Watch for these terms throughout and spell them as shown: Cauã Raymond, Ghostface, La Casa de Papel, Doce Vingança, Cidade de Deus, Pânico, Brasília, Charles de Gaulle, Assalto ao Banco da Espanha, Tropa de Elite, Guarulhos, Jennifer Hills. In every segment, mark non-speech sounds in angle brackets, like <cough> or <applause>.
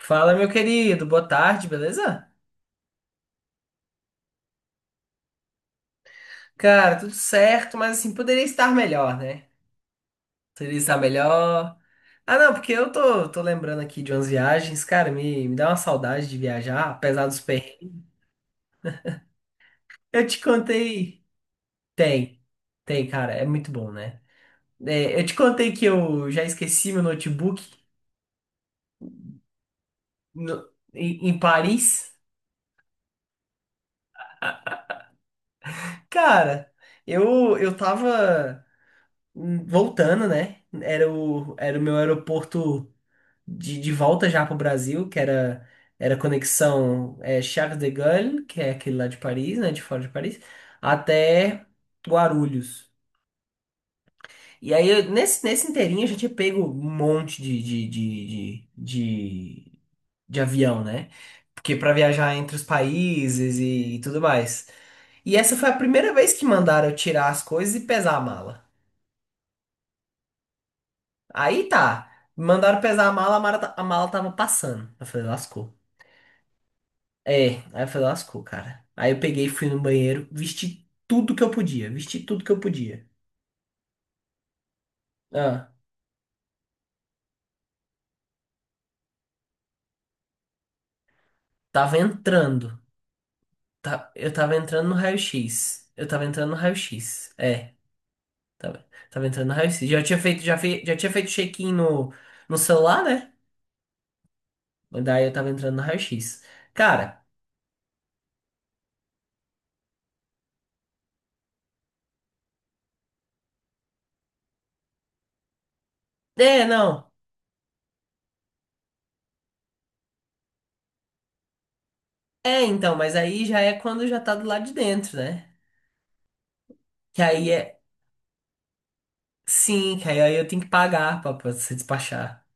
Fala, meu querido, boa tarde, beleza? Cara, tudo certo, mas assim, poderia estar melhor, né? Poderia estar melhor. Ah, não, porque eu tô lembrando aqui de umas viagens, cara, me dá uma saudade de viajar, apesar dos perrengues. Eu te contei. Tem, tem, cara, é muito bom, né? É, eu te contei que eu já esqueci meu notebook em Paris. Cara, eu tava voltando, né? Era o meu aeroporto de volta já pro Brasil, que era conexão Charles de Gaulle, que é aquele lá de Paris, né, de fora de Paris, até Guarulhos. E aí, nesse inteirinho, a gente tinha pego um monte de, de avião, né? Porque para viajar entre os países e tudo mais. E essa foi a primeira vez que mandaram eu tirar as coisas e pesar a mala. Aí tá, mandaram pesar a mala tava passando. Eu falei, lascou. É, aí eu falei, lascou, cara. Aí eu peguei, fui no banheiro, vesti tudo que eu podia, vesti tudo que eu podia. Ah, tava entrando, tá, eu tava entrando no raio-x, tava entrando no raio-x. Já tinha feito check-in no celular, né? Mas daí eu tava entrando no raio-x. Cara, é, não, é então, mas aí já é quando já tá do lado de dentro, né? Que aí é, sim, que aí eu tenho que pagar pra se despachar.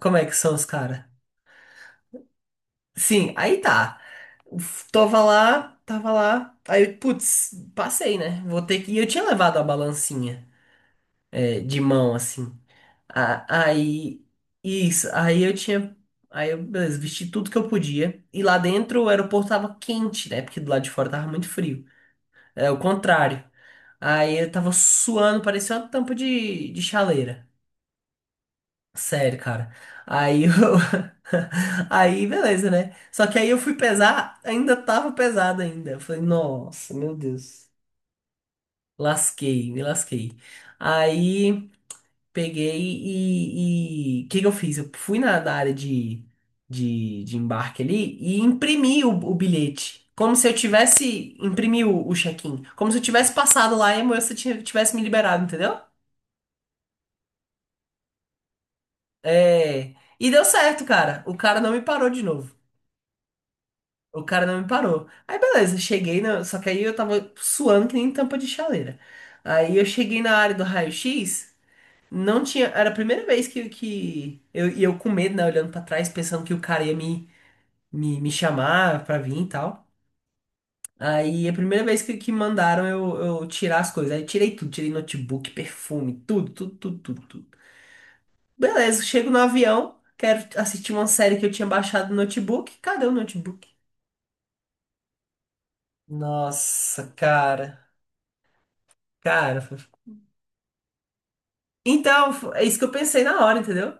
Como é que são os caras? Sim, aí tá. Uf, tava lá, tava lá. Aí, putz, passei, né? Vou ter que. E eu tinha levado a balancinha de mão, assim. Aí, isso. Aí eu tinha. Aí eu, beleza, vesti tudo que eu podia. E lá dentro o aeroporto tava quente, né? Porque do lado de fora tava muito frio. É o contrário. Aí eu tava suando, parecia uma tampa de chaleira. Sério, cara. Aí eu. <laughs> Aí, beleza, né? Só que aí eu fui pesar, ainda tava pesado ainda. Eu falei, nossa, meu Deus. Lasquei, me lasquei. Aí peguei e. O que que eu fiz? Eu fui na área de embarque ali e imprimi o bilhete. Como se eu tivesse. Imprimi o check-in. Como se eu tivesse passado lá e a moça tivesse me liberado, entendeu? É. E deu certo, cara. O cara não me parou de novo. O cara não me parou. Aí beleza, cheguei na. Só que aí eu tava suando que nem tampa de chaleira. Aí eu cheguei na área do raio-x, não tinha. Era a primeira vez que e eu com medo, né? Olhando pra trás, pensando que o cara ia me chamar pra vir e tal. Aí a primeira vez que mandaram eu tirar as coisas. Aí eu tirei tudo, tirei notebook, perfume, tudo, tudo, tudo, tudo, tudo. Beleza, chego no avião, quero assistir uma série que eu tinha baixado no notebook. Cadê o notebook? Nossa, cara. Cara, então, é isso que eu pensei na hora, entendeu?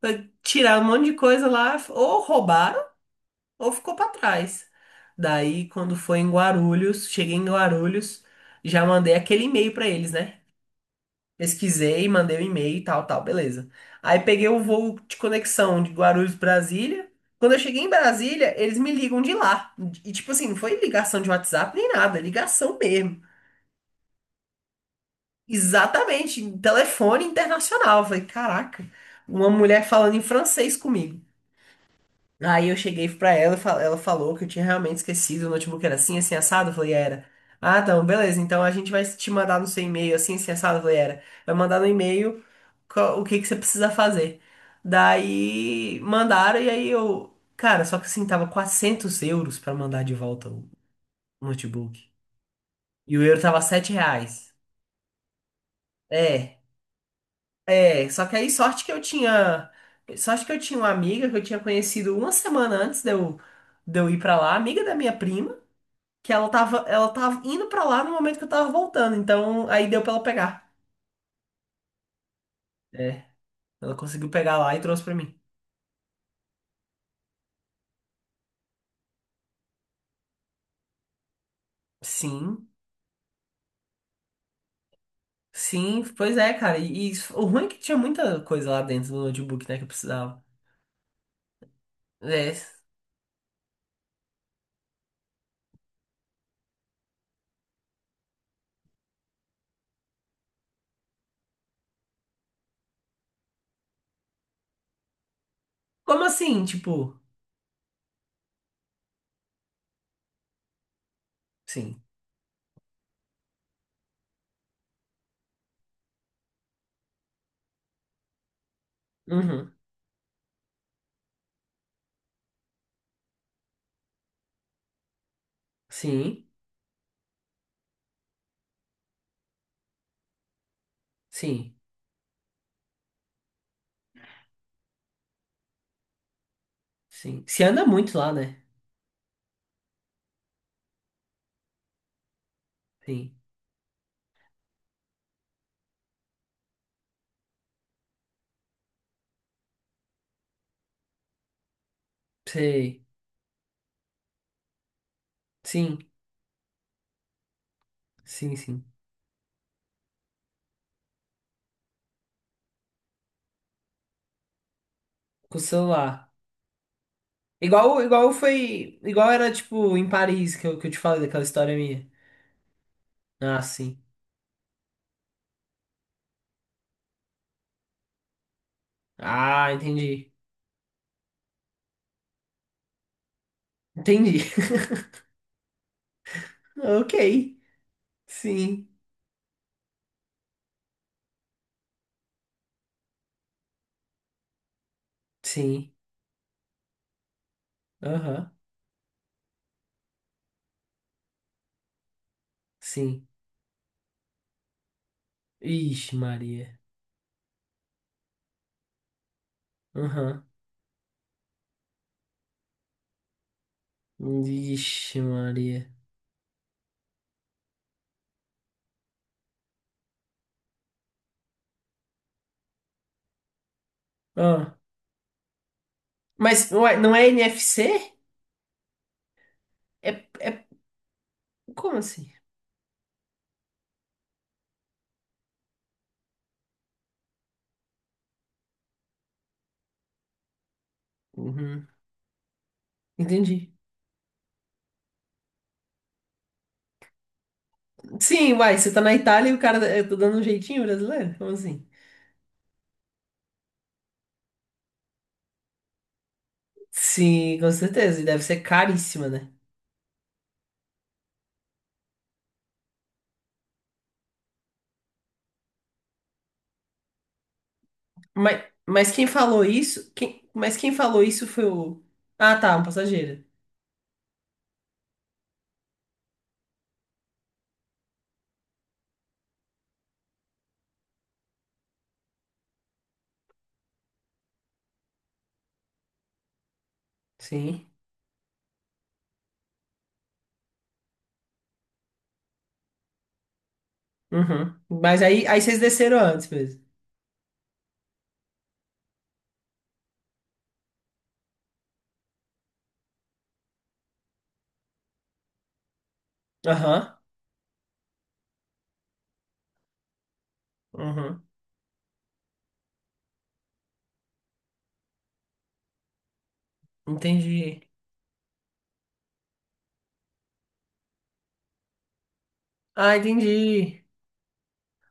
Foi tirar um monte de coisa lá, ou roubaram, ou ficou pra trás. Daí, quando foi em Guarulhos, cheguei em Guarulhos, já mandei aquele e-mail pra eles, né? Pesquisei, mandei o e-mail e tal, tal, beleza. Aí peguei o voo de conexão de Guarulhos, Brasília. Quando eu cheguei em Brasília, eles me ligam de lá. E, tipo assim, não foi ligação de WhatsApp nem nada, é ligação mesmo. Exatamente, em telefone internacional. Eu falei, caraca, uma mulher falando em francês comigo. Aí eu cheguei pra ela, e ela falou que eu tinha realmente esquecido, o notebook era assim, assim, assado. Eu falei, era. Ah, então, beleza, então a gente vai te mandar no seu e-mail assim, assim, assado. Eu falei, era. Vai mandar no e-mail o que que você precisa fazer. Daí mandaram, e aí eu. Cara, só que assim, tava € 400 pra mandar de volta o notebook. E o euro tava R$ 7. É. É, só que aí sorte que eu tinha. Sorte que eu tinha uma amiga que eu tinha conhecido uma semana antes de eu, ir pra lá, amiga da minha prima, que ela tava indo pra lá no momento que eu tava voltando. Então aí deu pra ela pegar. É, ela conseguiu pegar lá e trouxe pra mim. Sim, sim, pois é, cara. E o ruim é que tinha muita coisa lá dentro do notebook, né, que eu precisava. É. Como assim? Tipo, sim. Uhum. Sim, sim, sim. Se anda muito lá, né? Sim. Sei. Sim. Sim, sim. Com o celular. Igual foi. Igual era, tipo, em Paris que eu te falei daquela história minha. Ah, sim. Ah, entendi. Entendi. <laughs> Ok. Sim. Sim. Aham. Sim. Ixi, Maria. Aham. Ixi, Maria. Ah. Mas ué, não é NFC? É, é... Como assim? Uhum. Entendi. Sim, uai, você tá na Itália e o cara. Eu tô dando um jeitinho brasileiro? Como assim? Sim, com certeza. E deve ser caríssima, né? Mas quem falou isso? Mas quem falou isso foi o. Ah, tá, um passageiro. Sim. Uhum. Mas aí vocês desceram antes mesmo. Aham. Uhum. Entendi. Ah, entendi.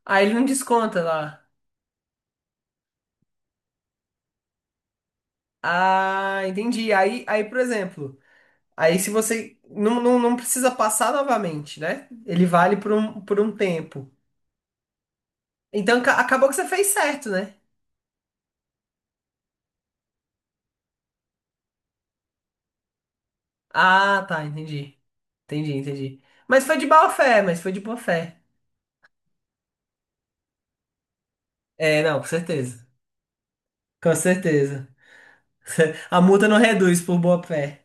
Aí ele não desconta lá. Ah, entendi. Aí, por exemplo, aí se você não precisa passar novamente, né? Ele vale por um tempo. Então acabou que você fez certo, né? Ah, tá, entendi. Entendi, entendi. Mas foi de boa fé, mas foi de boa fé. É, não, com certeza. Com certeza. <laughs> A multa não reduz por boa fé.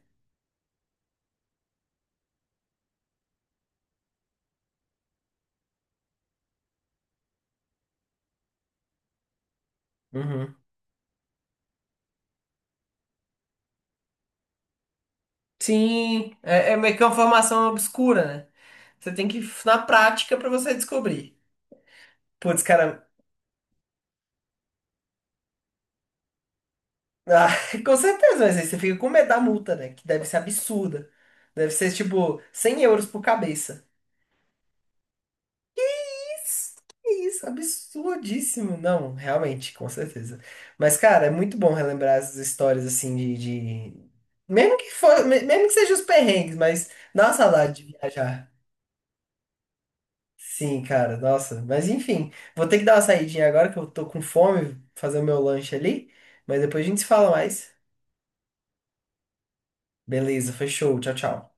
Uhum. Sim, é meio que uma formação obscura, né? Você tem que ir na prática pra você descobrir. Putz, cara, ah, <laughs> com certeza, mas aí você fica com medo da multa, né? Que deve ser absurda. Deve ser tipo € 100 por cabeça. Que isso, absurdíssimo. Não, realmente, com certeza. Mas, cara, é muito bom relembrar essas histórias assim de- mesmo que for, mesmo que sejam os perrengues, mas dá uma saudade de viajar. Sim, cara, nossa. Mas enfim, vou ter que dar uma saidinha agora que eu tô com fome, fazer o meu lanche ali. Mas depois a gente se fala mais. Beleza, fechou. Tchau, tchau.